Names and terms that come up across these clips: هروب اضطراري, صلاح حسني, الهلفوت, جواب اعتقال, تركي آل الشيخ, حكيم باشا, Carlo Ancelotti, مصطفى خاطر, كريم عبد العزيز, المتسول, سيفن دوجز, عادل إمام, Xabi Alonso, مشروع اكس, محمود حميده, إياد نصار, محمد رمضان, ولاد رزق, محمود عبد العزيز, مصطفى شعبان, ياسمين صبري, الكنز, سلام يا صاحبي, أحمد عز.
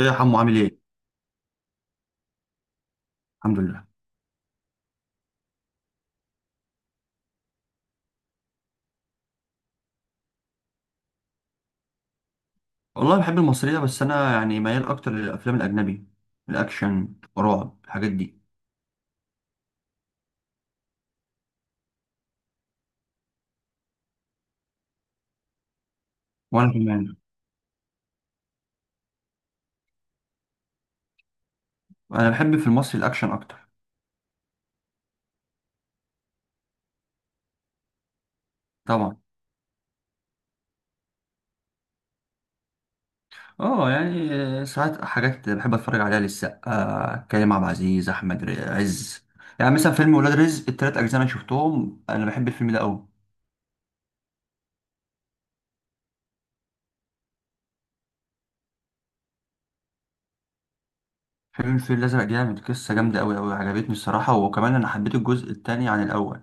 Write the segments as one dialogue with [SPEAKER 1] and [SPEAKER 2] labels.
[SPEAKER 1] ايه يا حمو عامل ايه؟ الحمد لله. والله بحب المصرية، بس أنا يعني ميال أكتر للأفلام الأجنبي، الأكشن، رعب، الحاجات دي. وأنا كمان. أنا بحب في المصري الأكشن أكتر. طبعا. أه يعني، ساعات حاجات بحب أتفرج عليها للسقا، كريم عبد العزيز، أحمد عز. يعني مثلا فيلم ولاد رزق، التلات أجزاء أنا شفتهم. أنا بحب الفيلم ده أوي. فيلم الفيل الأزرق جامد، قصة جامدة أوي أوي، عجبتني الصراحة. وكمان أنا حبيت الجزء التاني عن الأول.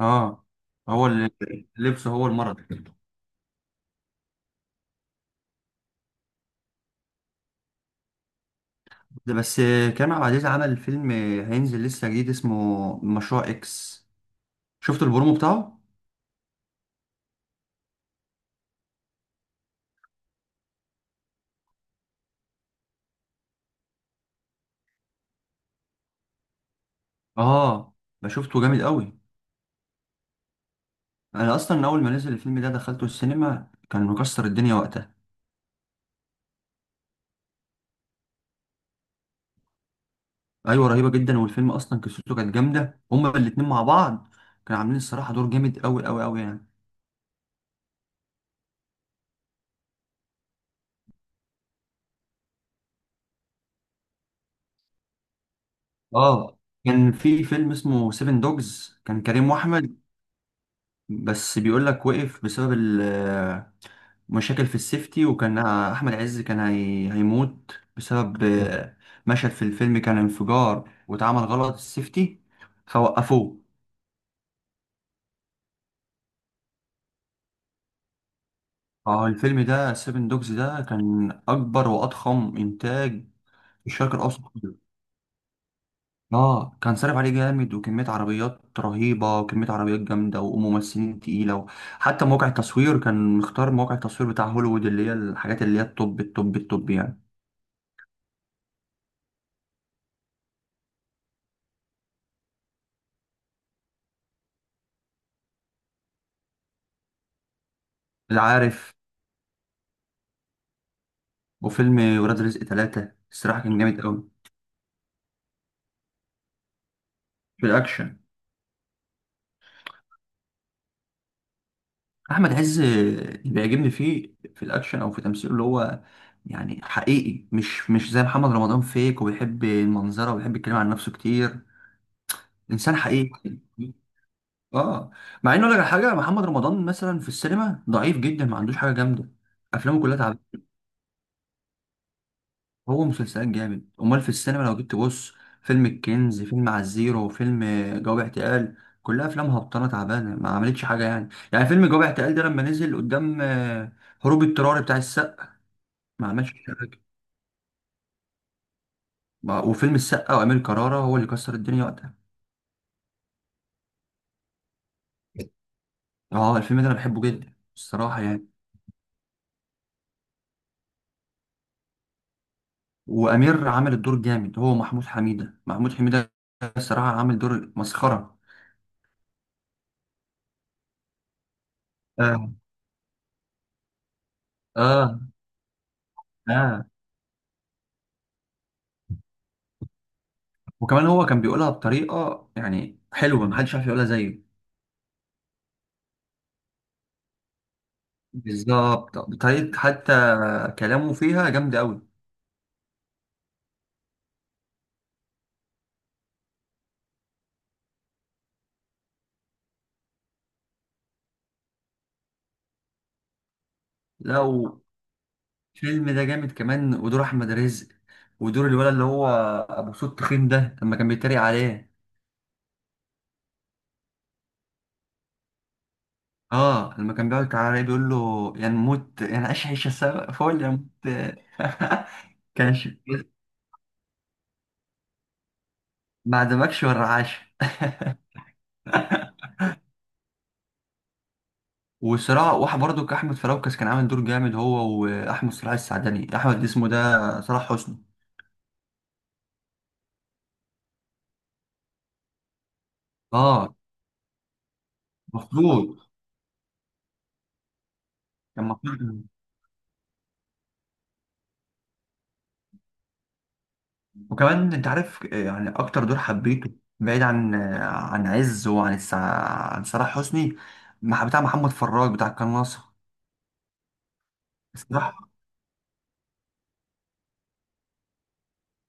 [SPEAKER 1] أه. هو اللي- اللبس هو المرض. ده بس. كريم عبد العزيز عمل فيلم هينزل لسه جديد اسمه مشروع اكس، شفت البرومو بتاعه. اه، ده شفته جامد قوي. انا اصلا اول ما نزل الفيلم ده دخلته السينما، كان مكسر الدنيا وقتها. ايوه، رهيبه جدا. والفيلم اصلا قصته كانت جامده، هما الاتنين مع بعض كانوا عاملين الصراحه دور جامد قوي قوي قوي يعني. اه، كان في فيلم اسمه سيفن دوجز، كان كريم واحمد. بس بيقول لك وقف بسبب مشاكل في السيفتي، وكان احمد عز كان هيموت بسبب مشهد في الفيلم كان انفجار واتعمل غلط السيفتي فوقفوه. اه، الفيلم ده سيفن دوجز ده كان اكبر واضخم انتاج في الشرق الاوسط كله. اه، كان صارف عليه جامد، وكميه عربيات رهيبه، وكميه عربيات جامده، وممثلين تقيله. حتى مواقع التصوير كان مختار مواقع التصوير بتاع هوليوود، اللي هي الحاجات اللي هي التوب التوب التوب يعني. العارف، وفيلم ولاد رزق ثلاثة، الصراحة كان جامد أوي. في الاكشن. احمد عز اللي بيعجبني فيه في الاكشن او في تمثيله اللي هو، يعني حقيقي، مش زي محمد رمضان فيك، وبيحب المنظره، وبيحب يتكلم عن نفسه كتير. انسان حقيقي. اه. مع انه لك حاجه، محمد رمضان مثلا في السينما ضعيف جدا، ما عندوش حاجه جامده، افلامه كلها تعبانه. هو مسلسلات جامد، امال في السينما لو جيت تبص، فيلم الكنز، فيلم على الزيرو، فيلم جواب اعتقال، كلها افلام هبطانه تعبانه ما عملتش حاجه يعني. فيلم جواب اعتقال ده لما نزل قدام هروب اضطراري بتاع السقا، ما عملش حاجه. وفيلم السقا وامير كرارة هو اللي كسر الدنيا وقتها. اه، الفيلم ده انا بحبه جدا الصراحه يعني. وامير عمل الدور جامد. هو محمود حميده، محمود حميده الصراحه عامل دور مسخره. اه، اه، اه. وكمان هو كان بيقولها بطريقة يعني حلوة، محدش عارف يقولها زيه. بالظبط، بطريقة حتى كلامه فيها جامدة أوي. لا، والفيلم ده جامد كمان. ودور أحمد رزق، ودور الولد اللي هو أبو صوت تخين ده، لما كان بيتريق عليه. اه، لما كان بيقعد تعالى بيقول له يعني موت، يعني عيش عيشة سوا فول يا موت. كانش، ما عدمكش ولا عاش. وصراع واحد برضه كأحمد فراوكس كان عامل دور جامد، هو وأحمد صلاح السعدني، اسمه ده صلاح حسني. اه. مفروض كان مفروض. وكمان انت عارف، يعني اكتر دور حبيته، بعيد عن عن عز وعن عن صلاح حسني، بتاع محمد فراج بتاع القناة ناصر. الصراحة،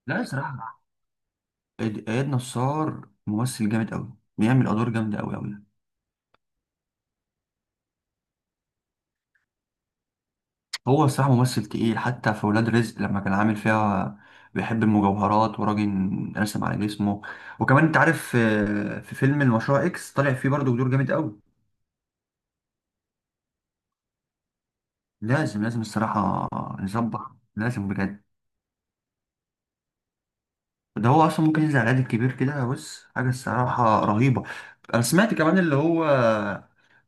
[SPEAKER 1] لا، الصراحة، إياد نصار ممثل جامد قوي، بيعمل ادوار جامدة قوي قوي. هو الصراحة ممثل تقيل، حتى في ولاد رزق لما كان عامل فيها بيحب المجوهرات وراجل رسم على جسمه. وكمان انت عارف، في فيلم المشروع اكس طالع فيه برضه دور جامد قوي. لازم، لازم الصراحة. نظبط. لازم بجد. ده هو أصلا ممكن ينزل على العيد الكبير كده، بص حاجة الصراحة رهيبة. أنا سمعت كمان اللي هو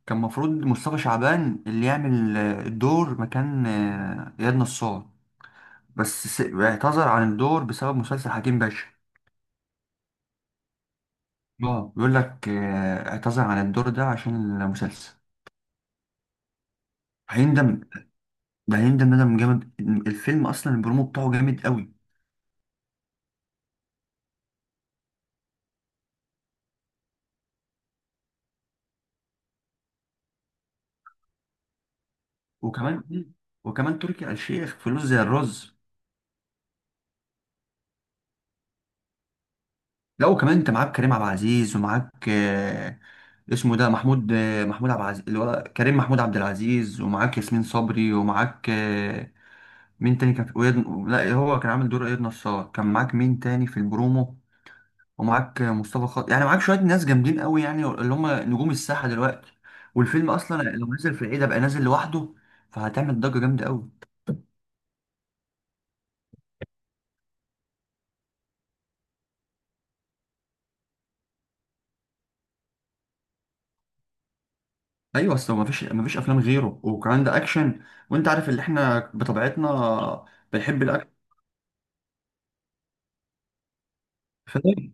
[SPEAKER 1] كان مفروض مصطفى شعبان اللي يعمل الدور مكان إياد نصار، بس اعتذر عن الدور بسبب مسلسل حكيم باشا. اه، بيقول لك، اعتذر عن الدور ده عشان المسلسل. هيندم. ده هيندم ندم جامد. الفيلم أصلا البرومو بتاعه جامد قوي. وكمان وكمان تركي آل الشيخ فلوس زي الرز. لا وكمان، انت معاك كريم عبد العزيز، ومعاك اسمه ده محمود عبد العزيز اللي هو كريم محمود عبد العزيز، ومعاك ياسمين صبري، ومعاك مين تاني كان في لا هو كان عامل دور اياد نصار، كان معاك مين تاني في البرومو، ومعاك مصطفى خاطر. يعني معاك شويه ناس جامدين قوي، يعني اللي هم نجوم الساحه دلوقتي. والفيلم اصلا لو نزل في العيد بقى نازل لوحده، فهتعمل ضجه جامده قوي. ايوه، اصل ما فيش افلام غيره، وكمان ده اكشن، وانت عارف اللي احنا بطبيعتنا بنحب الاكشن.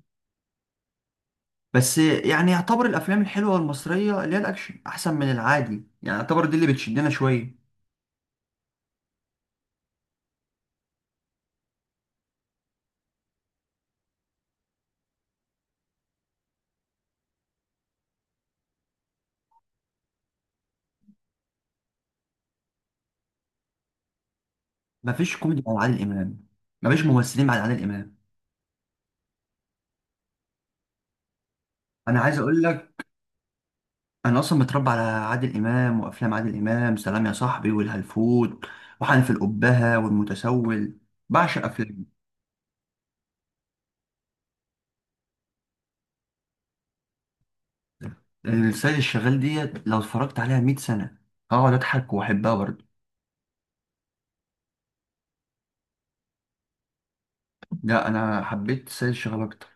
[SPEAKER 1] بس يعني يعتبر الافلام الحلوه المصريه اللي هي الاكشن احسن من العادي. يعني يعتبر دي اللي بتشدنا شويه. مفيش كوميدي على عادل امام، مفيش ممثلين بعد عادل امام. انا عايز اقول لك، انا اصلا متربى على عادل امام. وافلام عادل امام، سلام يا صاحبي، والهلفوت، وحنف القبهه، والمتسول، بعشق افلام. السيد الشغال ديت لو اتفرجت عليها 100 سنه هقعد اضحك واحبها برضه. لا، انا حبيت السيد الشغال اكتر.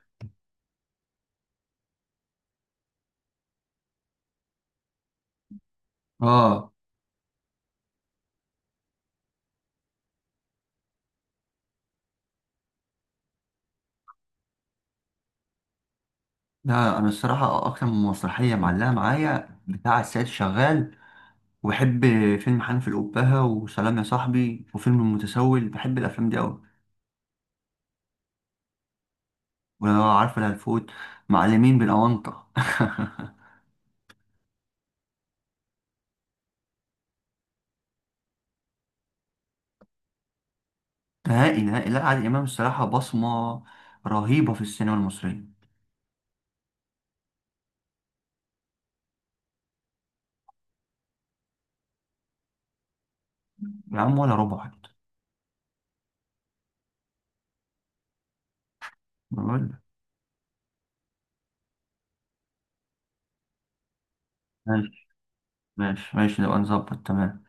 [SPEAKER 1] اه، لا انا الصراحه اكتر من مسرحيه معلقه معايا بتاع السيد شغال. وبحب فيلم حنف الأبهة وسلام يا صاحبي وفيلم المتسول، بحب الافلام دي قوي. ولو عارف الهلفوت، معلمين بالاونطه. نهائي نهائي، لا عادل امام الصراحه بصمه رهيبه في السينما المصريه. يا عم ولا ربع حتى. بقول لك. ماشي، ماشي، ماشي، نبقى نظبط تمام.